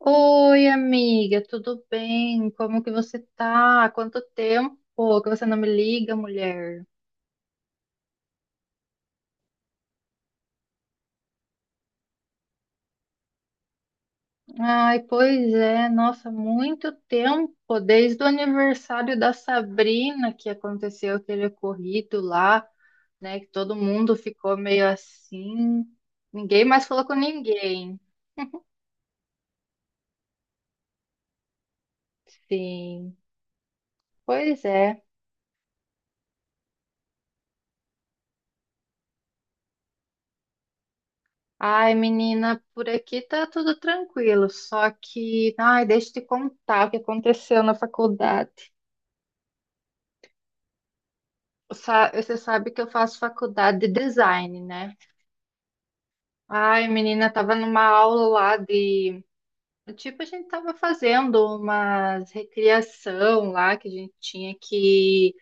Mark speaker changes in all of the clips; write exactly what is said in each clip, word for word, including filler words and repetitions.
Speaker 1: Oi, amiga, tudo bem? Como que você tá? Quanto tempo que você não me liga, mulher? Ai, pois é, nossa, muito tempo, desde o aniversário da Sabrina que aconteceu aquele ocorrido lá, né, que todo mundo ficou meio assim, ninguém mais falou com ninguém. Sim, pois é. Ai, menina, por aqui tá tudo tranquilo, só que, ai, deixa eu te contar o que aconteceu na faculdade. Sa- Você sabe que eu faço faculdade de design, né? Ai, menina, tava numa aula lá de. Tipo, a gente tava fazendo umas recriação lá, que a gente tinha que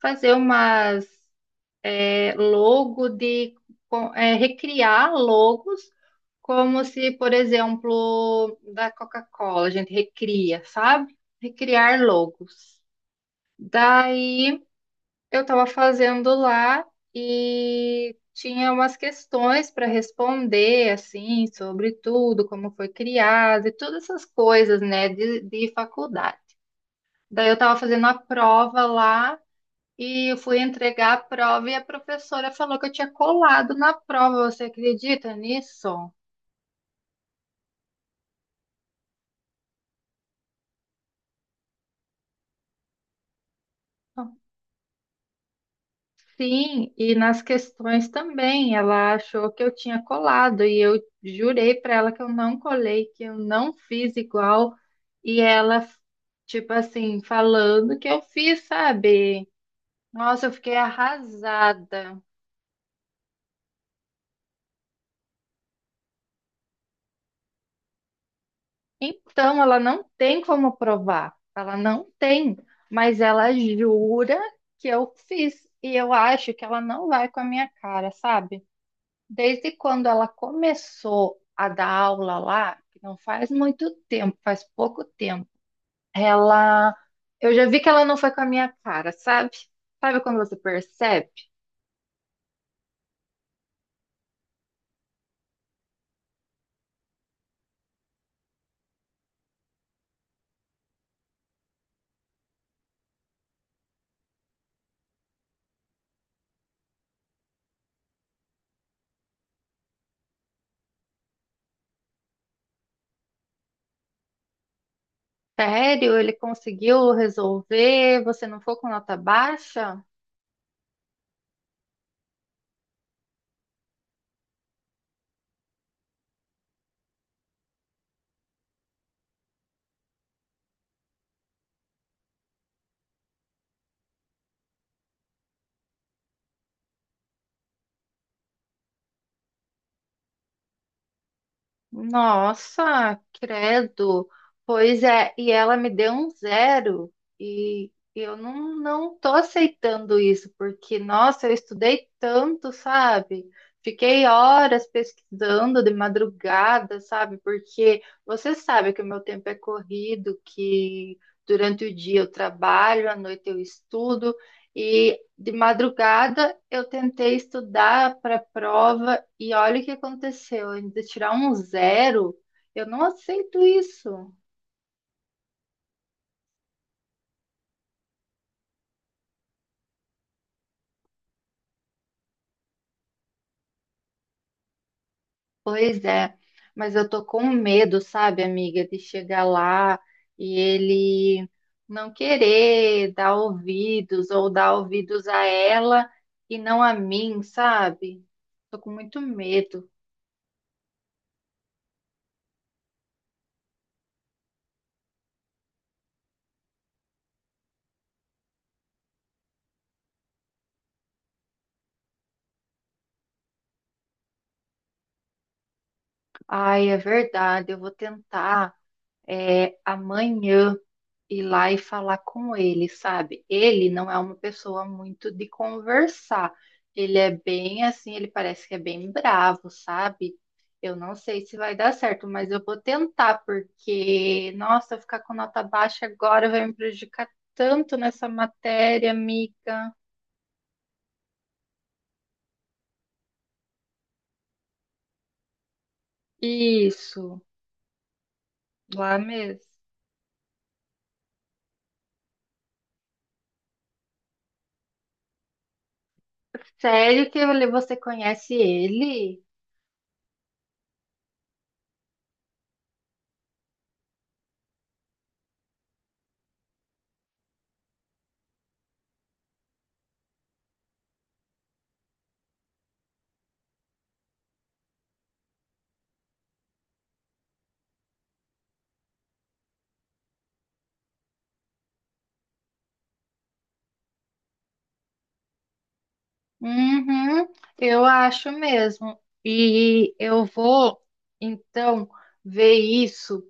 Speaker 1: fazer umas é, logo de. com- é, recriar logos, como se, por exemplo, da Coca-Cola, a gente recria, sabe? Recriar logos. Daí. Eu estava fazendo lá e tinha umas questões para responder, assim, sobre tudo, como foi criado e todas essas coisas, né, de, de faculdade. Daí eu estava fazendo a prova lá e eu fui entregar a prova e a professora falou que eu tinha colado na prova. Você acredita nisso? Sim, e nas questões também, ela achou que eu tinha colado e eu jurei para ela que eu não colei, que eu não fiz igual, e ela, tipo assim, falando que eu fiz, sabe? Nossa, eu fiquei arrasada. Então, ela não tem como provar, ela não tem, mas ela jura que eu fiz, e eu acho que ela não vai com a minha cara, sabe? Desde quando ela começou a dar aula lá, que não faz muito tempo, faz pouco tempo, ela, eu já vi que ela não foi com a minha cara, sabe? Sabe quando você percebe? Sério, ele conseguiu resolver, você não foi com nota baixa? Nossa, credo. Pois é, e ela me deu um zero e eu não, não tô aceitando isso, porque, nossa, eu estudei tanto, sabe? Fiquei horas pesquisando de madrugada, sabe? Porque você sabe que o meu tempo é corrido, que durante o dia eu trabalho, à noite eu estudo, e de madrugada eu tentei estudar para a prova e olha o que aconteceu. Ainda tirar um zero, eu não aceito isso. Pois é, mas eu tô com medo, sabe, amiga, de chegar lá e ele não querer dar ouvidos ou dar ouvidos a ela e não a mim, sabe? Tô com muito medo. Ai, é verdade, eu vou tentar. É, amanhã. Ir lá e falar com ele, sabe? Ele não é uma pessoa muito de conversar. Ele é bem assim, ele parece que é bem bravo, sabe? Eu não sei se vai dar certo, mas eu vou tentar, porque, nossa, eu ficar com nota baixa agora vai me prejudicar tanto nessa matéria, amiga. Isso, lá mesmo. Sério que ele- você conhece ele? Uhum, eu acho mesmo. E eu vou, então, ver isso.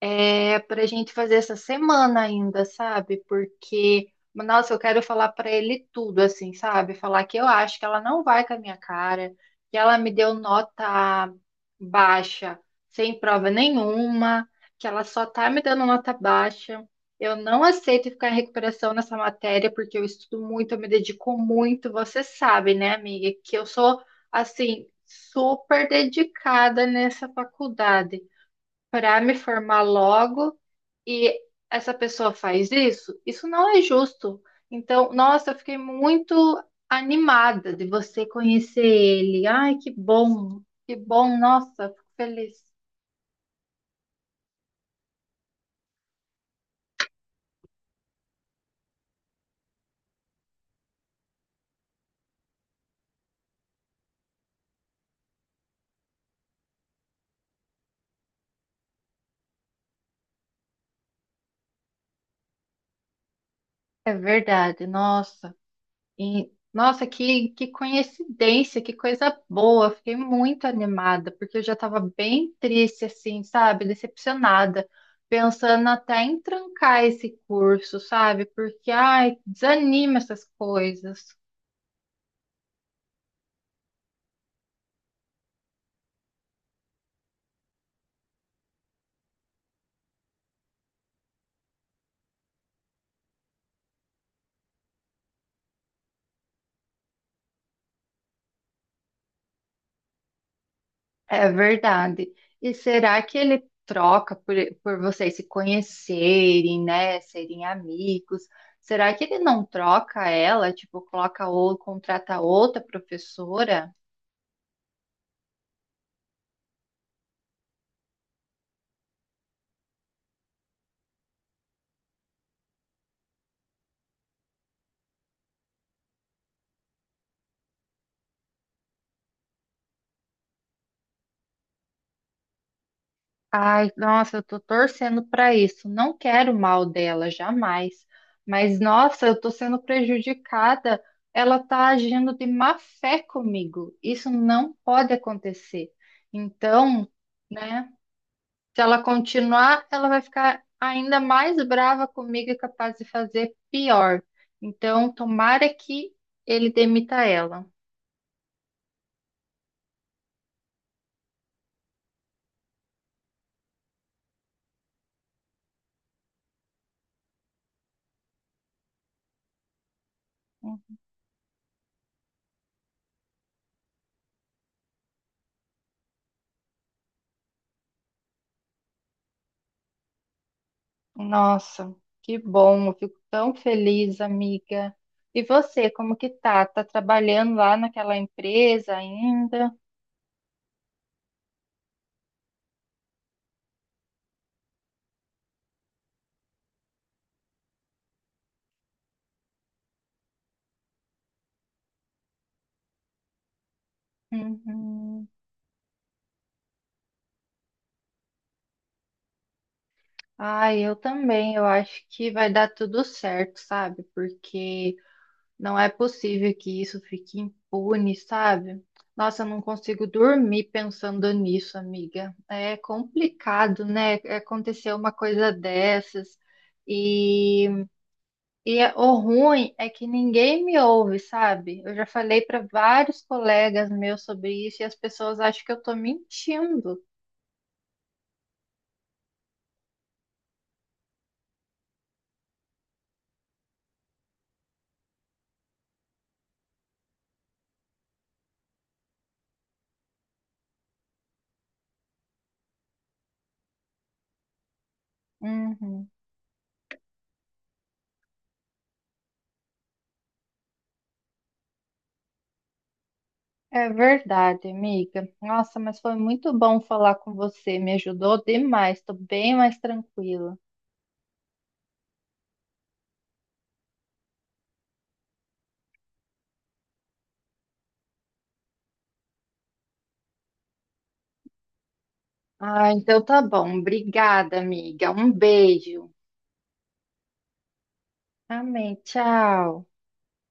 Speaker 1: É pra gente fazer essa semana ainda, sabe? Porque, nossa, eu quero falar pra ele tudo, assim, sabe? Falar que eu acho que ela não vai com a minha cara, que ela me deu nota baixa, sem prova nenhuma, que ela só tá me dando nota baixa. Eu não aceito ficar em recuperação nessa matéria, porque eu estudo muito, eu me dedico muito. Você sabe, né, amiga, que eu sou, assim, super dedicada nessa faculdade para me formar logo e essa pessoa faz isso? Isso não é justo. Então, nossa, eu fiquei muito animada de você conhecer ele. Ai, que bom, que bom, nossa, fico feliz. É verdade, nossa. E, nossa, que, que coincidência, que coisa boa. Fiquei muito animada, porque eu já estava bem triste, assim, sabe? Decepcionada, pensando até em trancar esse curso, sabe? Porque, ai, desanima essas coisas. É verdade. E será que ele troca por, por vocês se conhecerem, né? Serem amigos? Será que ele não troca ela? Tipo, coloca ou contrata outra professora? Ai, nossa, eu tô torcendo pra isso. Não quero o mal dela, jamais. Mas, nossa, eu tô sendo prejudicada. Ela tá agindo de má fé comigo. Isso não pode acontecer. Então, né, se ela continuar, ela vai ficar ainda mais brava comigo e capaz de fazer pior. Então, tomara que ele demita ela. Nossa, que bom, eu fico tão feliz, amiga. E você, como que tá? Tá trabalhando lá naquela empresa ainda? Uhum. Ai, eu também, eu acho que vai dar tudo certo, sabe? Porque não é possível que isso fique impune, sabe? Nossa, eu não consigo dormir pensando nisso, amiga. É complicado, né? Acontecer uma coisa dessas. E E é- o ruim é que ninguém me ouve, sabe? Eu já falei para vários colegas meus sobre isso e as pessoas acham que eu tô mentindo. Uhum. É verdade, amiga. Nossa, mas foi muito bom falar com você. Me ajudou demais. Tô bem mais tranquila. Ah, então tá bom. Obrigada, amiga. Um beijo. Amém. Tchau.